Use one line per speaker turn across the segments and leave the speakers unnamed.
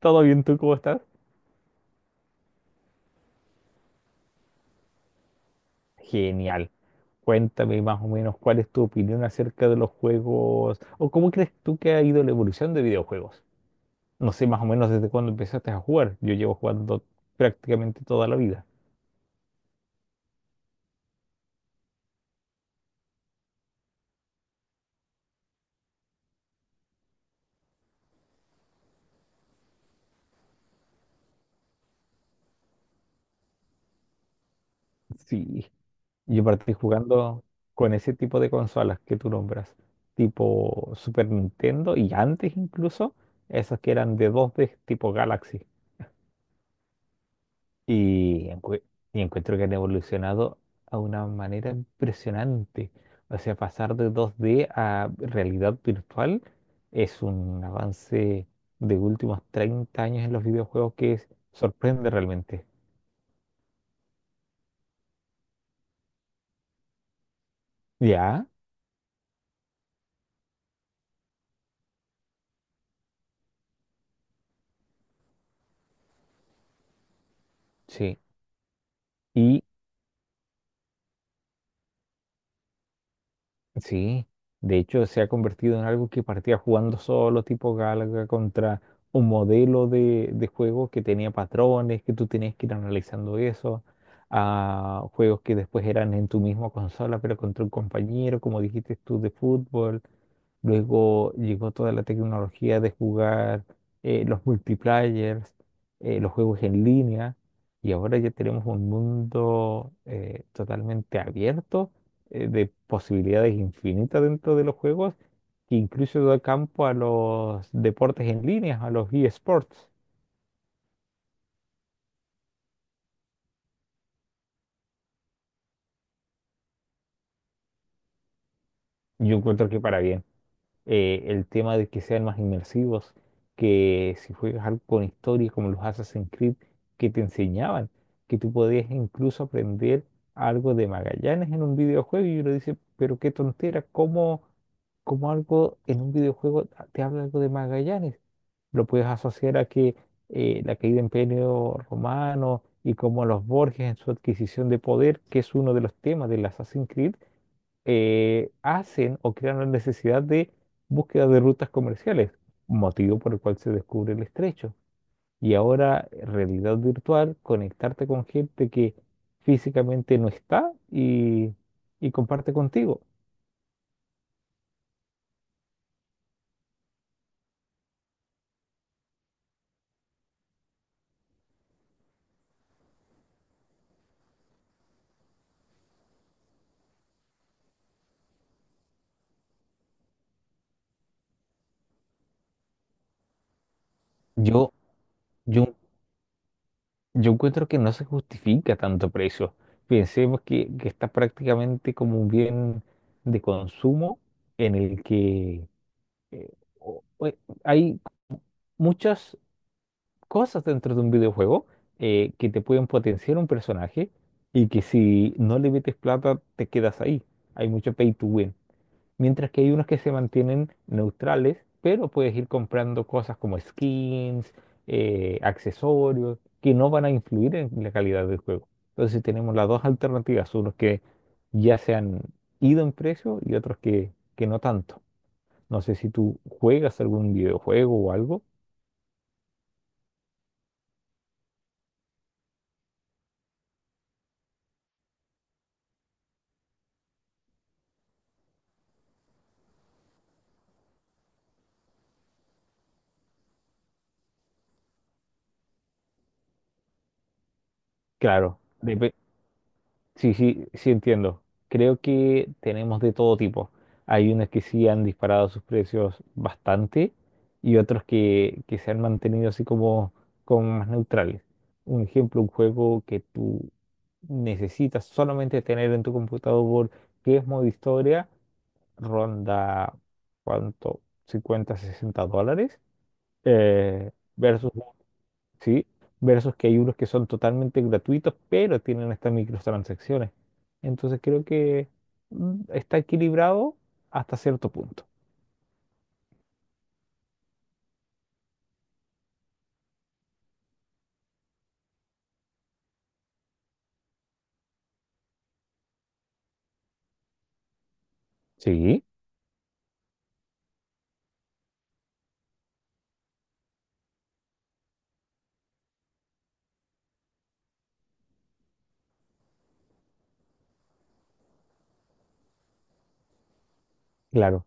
¿Todo bien tú? ¿Cómo estás? Genial. Cuéntame más o menos cuál es tu opinión acerca de los juegos o cómo crees tú que ha ido la evolución de videojuegos. No sé más o menos desde cuándo empezaste a jugar. Yo llevo jugando prácticamente toda la vida. Sí, yo partí jugando con ese tipo de consolas que tú nombras, tipo Super Nintendo y antes incluso esas que eran de dos d tipo Galaxy. Y, encue- y encuentro que han evolucionado a una manera impresionante. O sea, pasar de 2D a realidad virtual es un avance de últimos 30 años en los videojuegos sorprende realmente. Ya, sí. Y sí, de hecho se ha convertido en algo que partía jugando solo, tipo Galaga, contra un modelo de juego que tenía patrones, que tú tenías que ir analizando eso, a juegos que después eran en tu misma consola, pero contra un compañero, como dijiste tú, de fútbol. Luego llegó toda la tecnología de jugar los multiplayers, los juegos en línea, y ahora ya tenemos un mundo totalmente abierto de posibilidades infinitas dentro de los juegos, que incluso da campo a los deportes en línea, a los eSports. Yo encuentro que para bien. El tema de que sean más inmersivos, que si juegas algo con historia como los Assassin's Creed que te enseñaban, que tú podías incluso aprender algo de Magallanes en un videojuego y uno dice, pero qué tontera, ¿cómo, cómo algo en un videojuego te habla algo de Magallanes? Lo puedes asociar a que la caída del Imperio Romano y como los Borges en su adquisición de poder, que es uno de los temas del Assassin's Creed hacen o crean la necesidad de búsqueda de rutas comerciales, motivo por el cual se descubre el estrecho. Y ahora, realidad virtual, conectarte con gente que físicamente no está y comparte contigo. Yo, yo, yo encuentro que no se justifica tanto precio. Pensemos que está prácticamente como un bien de consumo en el que eh, o- o- hay muchas cosas dentro de un videojuego que te pueden potenciar un personaje y que si no le metes plata te quedas ahí. Hay mucho pay to win. Mientras que hay unos que se mantienen neutrales, pero puedes ir comprando cosas como skins, accesorios, que no van a influir en la calidad del juego. Entonces tenemos las dos alternativas, unos que ya se han ido en precio y otros que no tanto. No sé si tú juegas algún videojuego o algo. Claro, depe- Sí, sí, sí, entiendo. Creo que tenemos de todo tipo. Hay unos que sí han disparado sus precios bastante y otros que se han mantenido así como, como más neutrales. Un ejemplo, un juego que tú necesitas solamente tener en tu computador, que es modo historia, ronda, ¿cuánto? 50 60 dólares. eh, Versus, ¿sí? Versus que hay unos que son totalmente gratuitos, pero tienen estas microtransacciones. Entonces creo que está equilibrado hasta cierto punto. Sí, claro.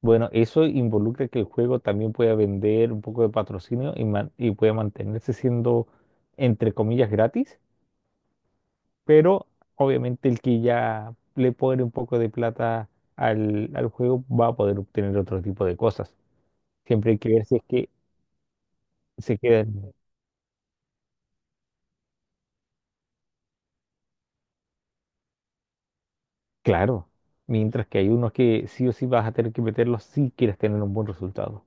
Bueno, eso involucra que el juego también pueda vender un poco de patrocinio y pueda mantenerse siendo, entre comillas, gratis, pero obviamente el que ya le pone un poco de plata al juego va a poder obtener otro tipo de cosas. Siempre hay que ver si es que se queda. Claro, mientras que hay unos que sí o sí vas a tener que meterlos si quieres tener un buen resultado.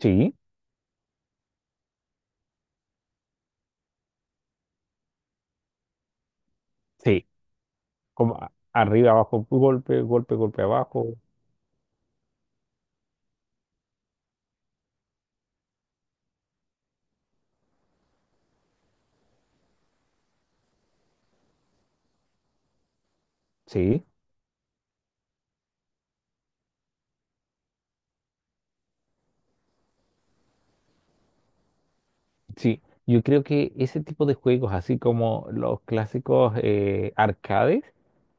Sí, sí, como arriba, abajo, golpe, golpe, golpe, abajo. Sí, sí. Yo creo que ese tipo de juegos, así como los clásicos arcades,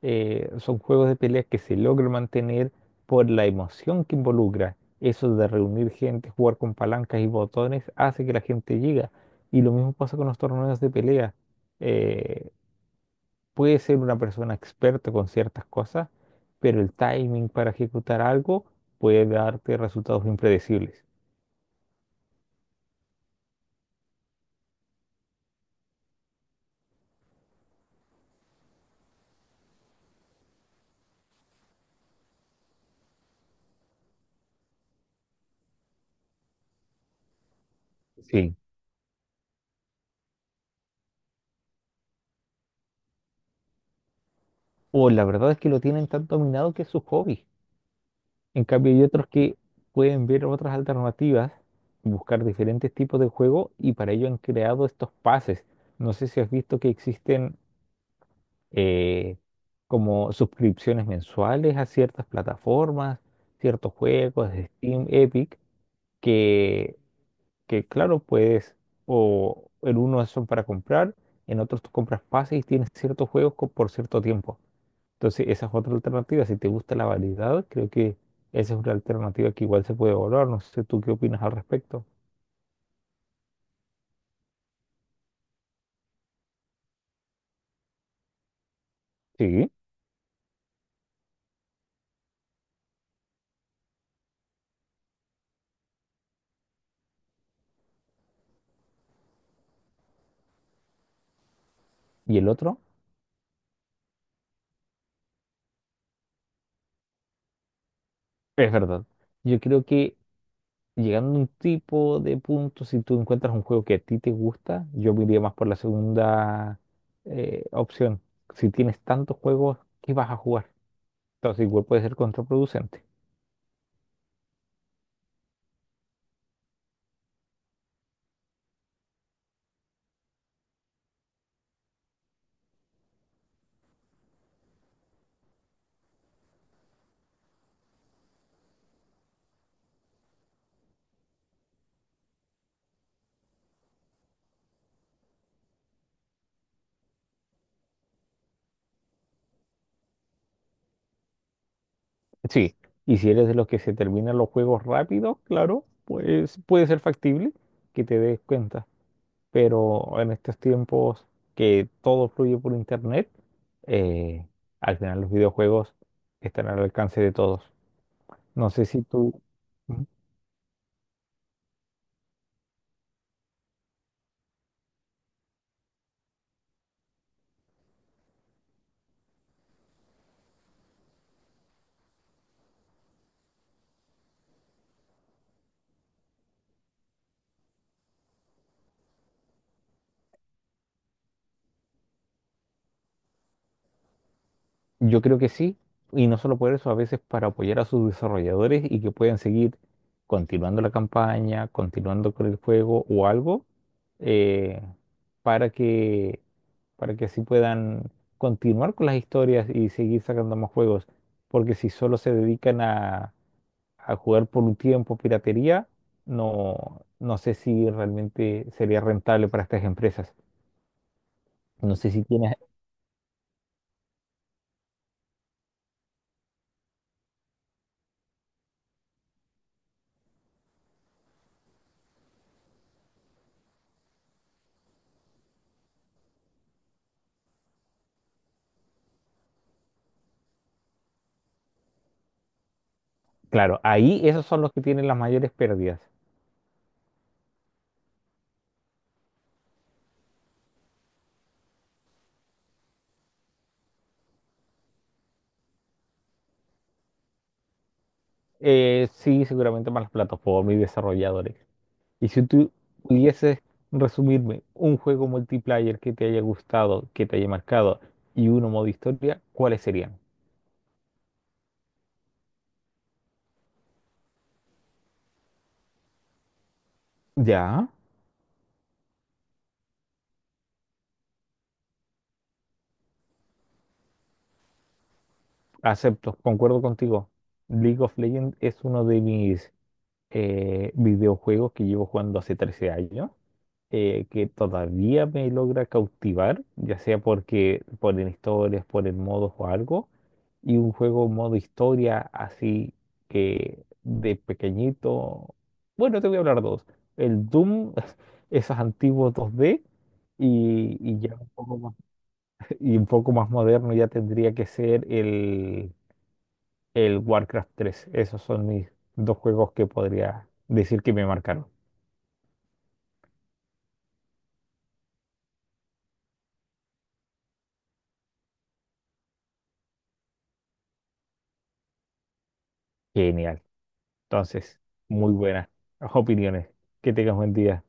son juegos de peleas que se logran mantener por la emoción que involucra. Eso de reunir gente, jugar con palancas y botones, hace que la gente llegue. Y lo mismo pasa con los torneos de pelea. Eh, Puede ser una persona experta con ciertas cosas, pero el timing para ejecutar algo puede darte resultados impredecibles. Sí. O la verdad es que lo tienen tan dominado que es su hobby. En cambio, hay otros que pueden ver otras alternativas, buscar diferentes tipos de juego y para ello han creado estos pases. No sé si has visto que existen eh, como suscripciones mensuales a ciertas plataformas, ciertos juegos, Steam, Epic, que que claro, puedes, o en unos son para comprar, en otros tú compras pases y tienes ciertos juegos por cierto tiempo. Entonces, esa es otra alternativa. Si te gusta la variedad, creo que esa es una alternativa que igual se puede evaluar. No sé tú qué opinas al respecto. Sí. ¿Y el otro? Es verdad. Yo creo que llegando a un tipo de punto, si tú encuentras un juego que a ti te gusta, yo me iría más por la segunda opción. Si tienes tantos juegos, ¿qué vas a jugar? Entonces, igual puede ser contraproducente. Sí, y si eres de los que se terminan los juegos rápidos, claro, pues puede ser factible que te des cuenta. Pero en estos tiempos que todo fluye por internet, eh, al final los videojuegos están al alcance de todos. No sé si tú... Yo creo que sí, y no solo por eso, a veces para apoyar a sus desarrolladores y que puedan seguir continuando la campaña, continuando con el juego o algo, eh, para que, para que así puedan continuar con las historias y seguir sacando más juegos. Porque si solo se dedican a jugar por un tiempo piratería, no, no sé si realmente sería rentable para estas empresas. No sé si tienes... Claro, ahí esos son los que tienen las mayores pérdidas. Sí, seguramente más las plataformas y desarrolladores. Y si tú pudieses resumirme un juego multiplayer que te haya gustado, que te haya marcado, y uno modo historia, ¿cuáles serían? Ya. Acepto, concuerdo contigo. League of Legends es uno de mis videojuegos que llevo jugando hace 13 años. Que todavía me logra cautivar, ya sea porque por en historias, por el modo o algo, y un juego modo historia así que de pequeñito, bueno, te voy a hablar dos, el Doom, esos antiguos 2D, y ya un poco más, y un poco más moderno ya tendría que ser el Warcraft 3. Esos son mis dos juegos que podría decir que me marcaron. Genial. Entonces, muy buenas opiniones. Que tengas buen día.